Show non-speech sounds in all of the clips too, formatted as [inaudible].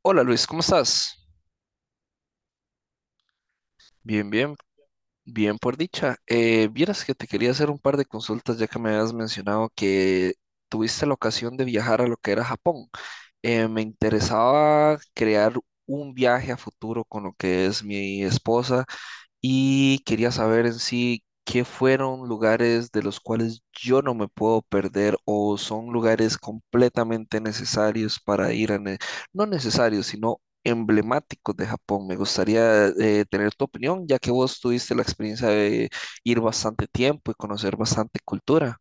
Hola Luis, ¿cómo estás? Bien, bien, bien por dicha. Vieras que te quería hacer un par de consultas ya que me habías mencionado que tuviste la ocasión de viajar a lo que era Japón. Me interesaba crear un viaje a futuro con lo que es mi esposa y quería saber en sí qué fueron lugares de los cuales yo no me puedo perder o son lugares completamente necesarios para ir a. No necesarios, sino emblemáticos de Japón. Me gustaría tener tu opinión, ya que vos tuviste la experiencia de ir bastante tiempo y conocer bastante cultura.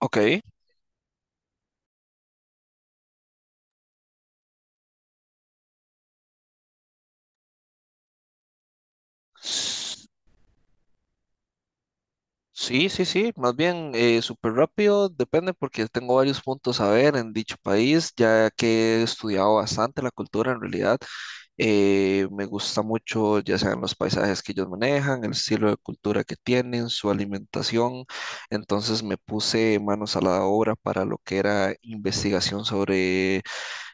Ok. Sí, sí, sí, más bien súper rápido, depende porque tengo varios puntos a ver en dicho país, ya que he estudiado bastante la cultura en realidad. Me gusta mucho, ya sean los paisajes que ellos manejan, el estilo de cultura que tienen, su alimentación. Entonces me puse manos a la obra para lo que era investigación sobre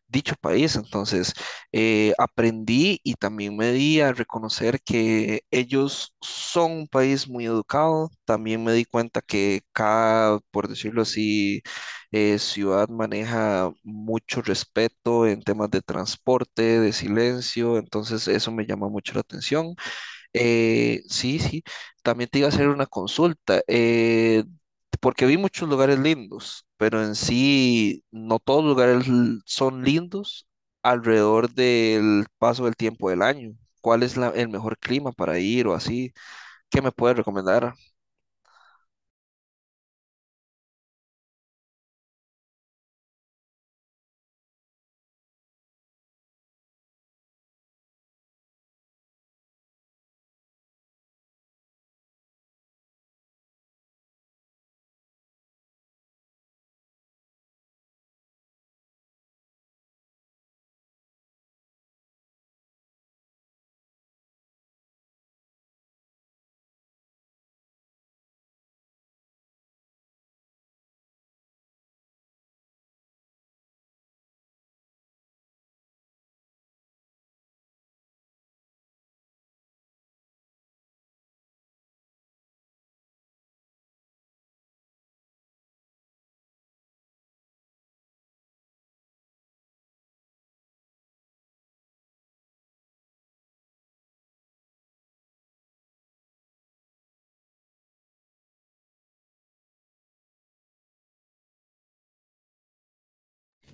dicho país. Entonces, aprendí y también me di a reconocer que ellos son un país muy educado. También me di cuenta que cada, por decirlo así, ciudad maneja mucho respeto en temas de transporte, de silencio. Entonces, eso me llama mucho la atención. Sí, sí. También te iba a hacer una consulta. Porque vi muchos lugares lindos, pero en sí no todos los lugares son lindos alrededor del paso del tiempo del año. ¿Cuál es el mejor clima para ir o así? ¿Qué me puedes recomendar?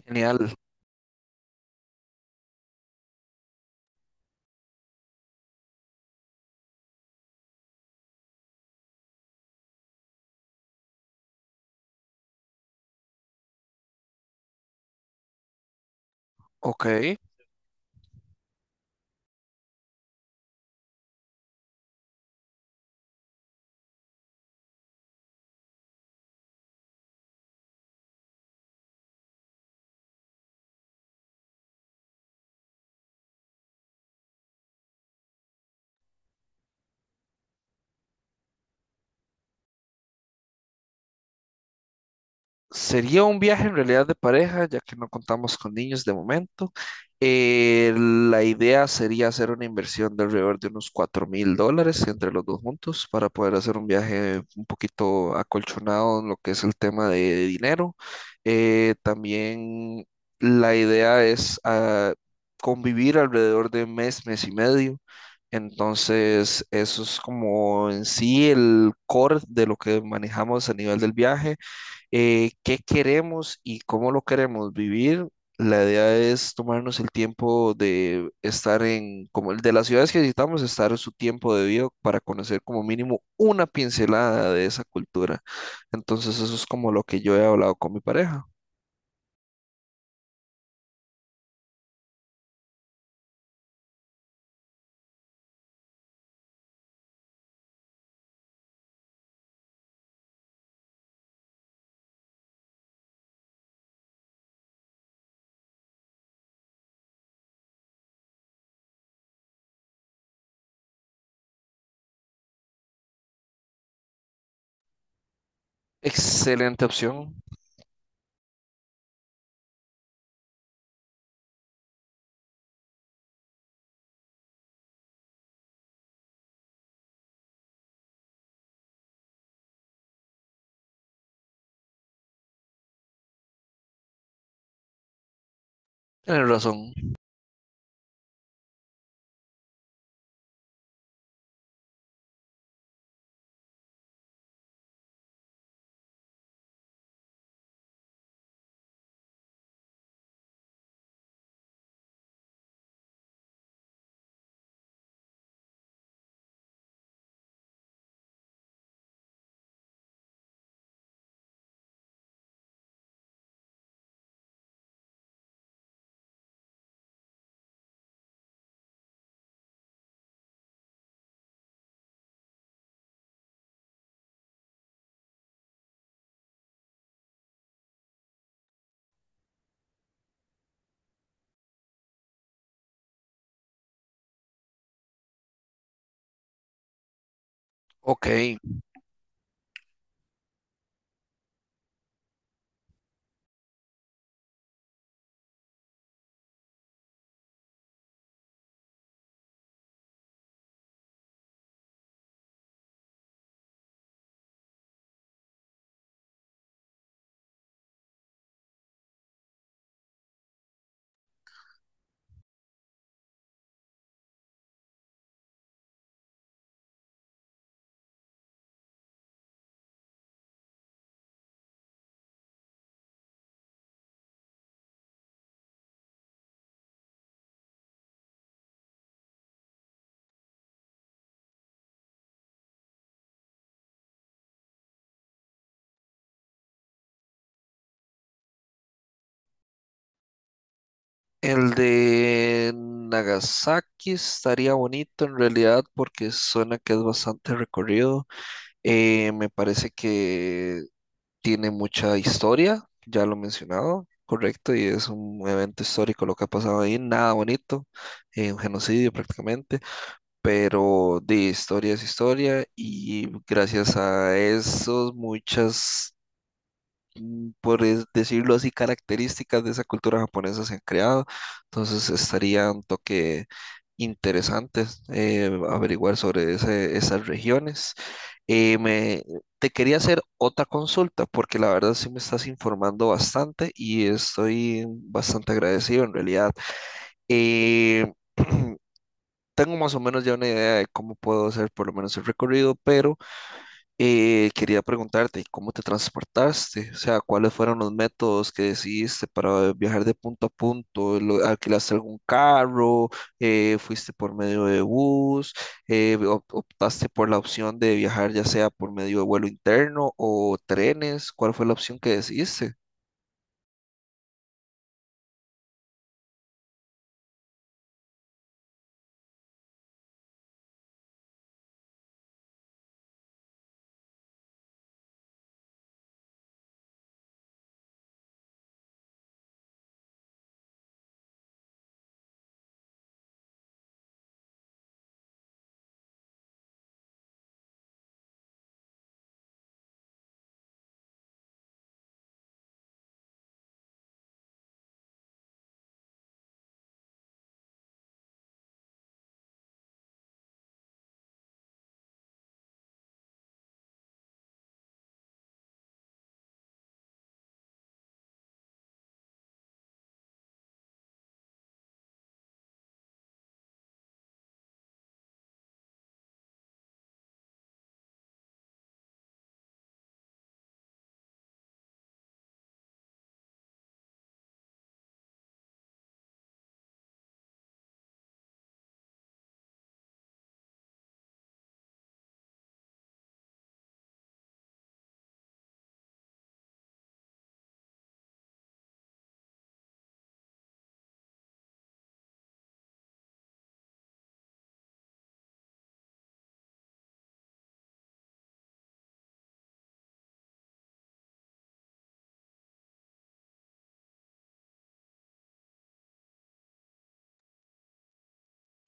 Genial. Ok. Sería un viaje en realidad de pareja, ya que no contamos con niños de momento. La idea sería hacer una inversión de alrededor de unos $4,000 entre los dos juntos para poder hacer un viaje un poquito acolchonado en lo que es el tema de dinero. También la idea es convivir alrededor de mes, mes y medio. Entonces, eso es como en sí el core de lo que manejamos a nivel del viaje qué queremos y cómo lo queremos vivir. La idea es tomarnos el tiempo de estar en, como el de las ciudades que visitamos, estar en su tiempo debido para conocer como mínimo una pincelada de esa cultura. Entonces eso es como lo que yo he hablado con mi pareja. Excelente opción. Tienes razón. Ok, el de Nagasaki estaría bonito en realidad porque suena que es bastante recorrido. Me parece que tiene mucha historia, ya lo he mencionado, correcto, y es un evento histórico lo que ha pasado ahí, nada bonito, un genocidio prácticamente, pero de historia es historia y gracias a eso muchas mm, decirlo así, características de esa cultura japonesa se han creado. Entonces estaría un toque interesante averiguar sobre esas regiones. Eh, me, Te quería hacer otra consulta porque la verdad sí me estás informando bastante y estoy bastante agradecido en realidad. Eh, [clears throat] Tengo más o menos ya una idea de cómo puedo hacer por lo menos el recorrido, pero quería preguntarte, ¿cómo te transportaste? O sea, ¿cuáles fueron los métodos que decidiste para viajar de punto a punto? ¿Alquilaste algún carro? ¿Fuiste por medio de bus? Eh, ¿optaste por la opción de viajar ya sea por medio de vuelo interno o trenes? ¿Cuál fue la opción que decidiste?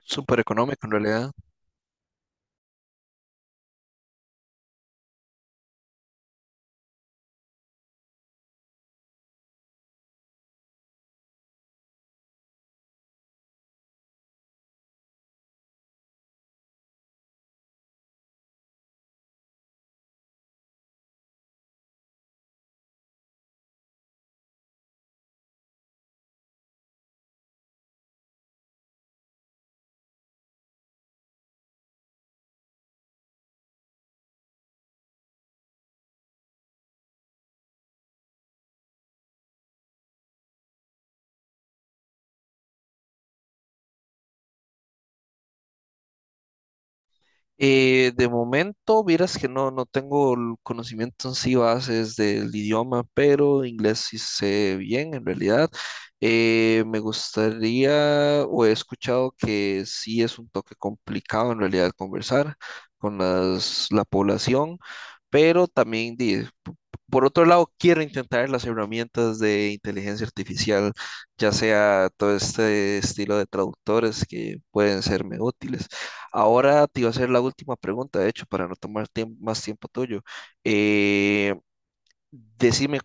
Súper económico en realidad. De momento, vieras que no, no tengo el conocimiento en sí bases del idioma, pero inglés sí sé bien en realidad. Me gustaría, o he escuchado que sí es un toque complicado en realidad conversar con la población, pero también, por otro lado, quiero intentar las herramientas de inteligencia artificial, ya sea todo este estilo de traductores que pueden serme útiles. Ahora te iba a hacer la última pregunta, de hecho, para no tomar más tiempo tuyo. Eh, Decime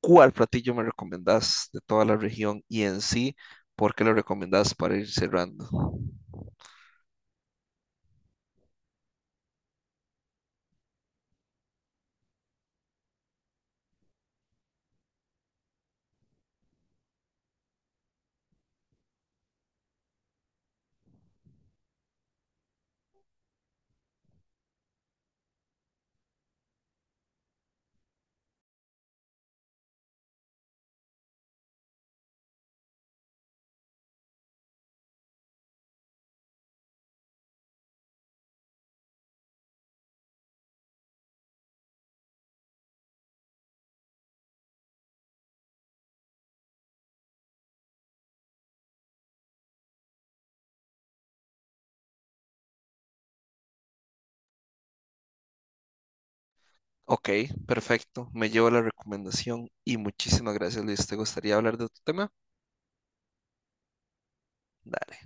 cuál platillo me recomendás de toda la región y en sí, por qué lo recomendás para ir cerrando. Ok, perfecto. Me llevo la recomendación y muchísimas gracias, Luis. ¿Te gustaría hablar de tu tema? Dale.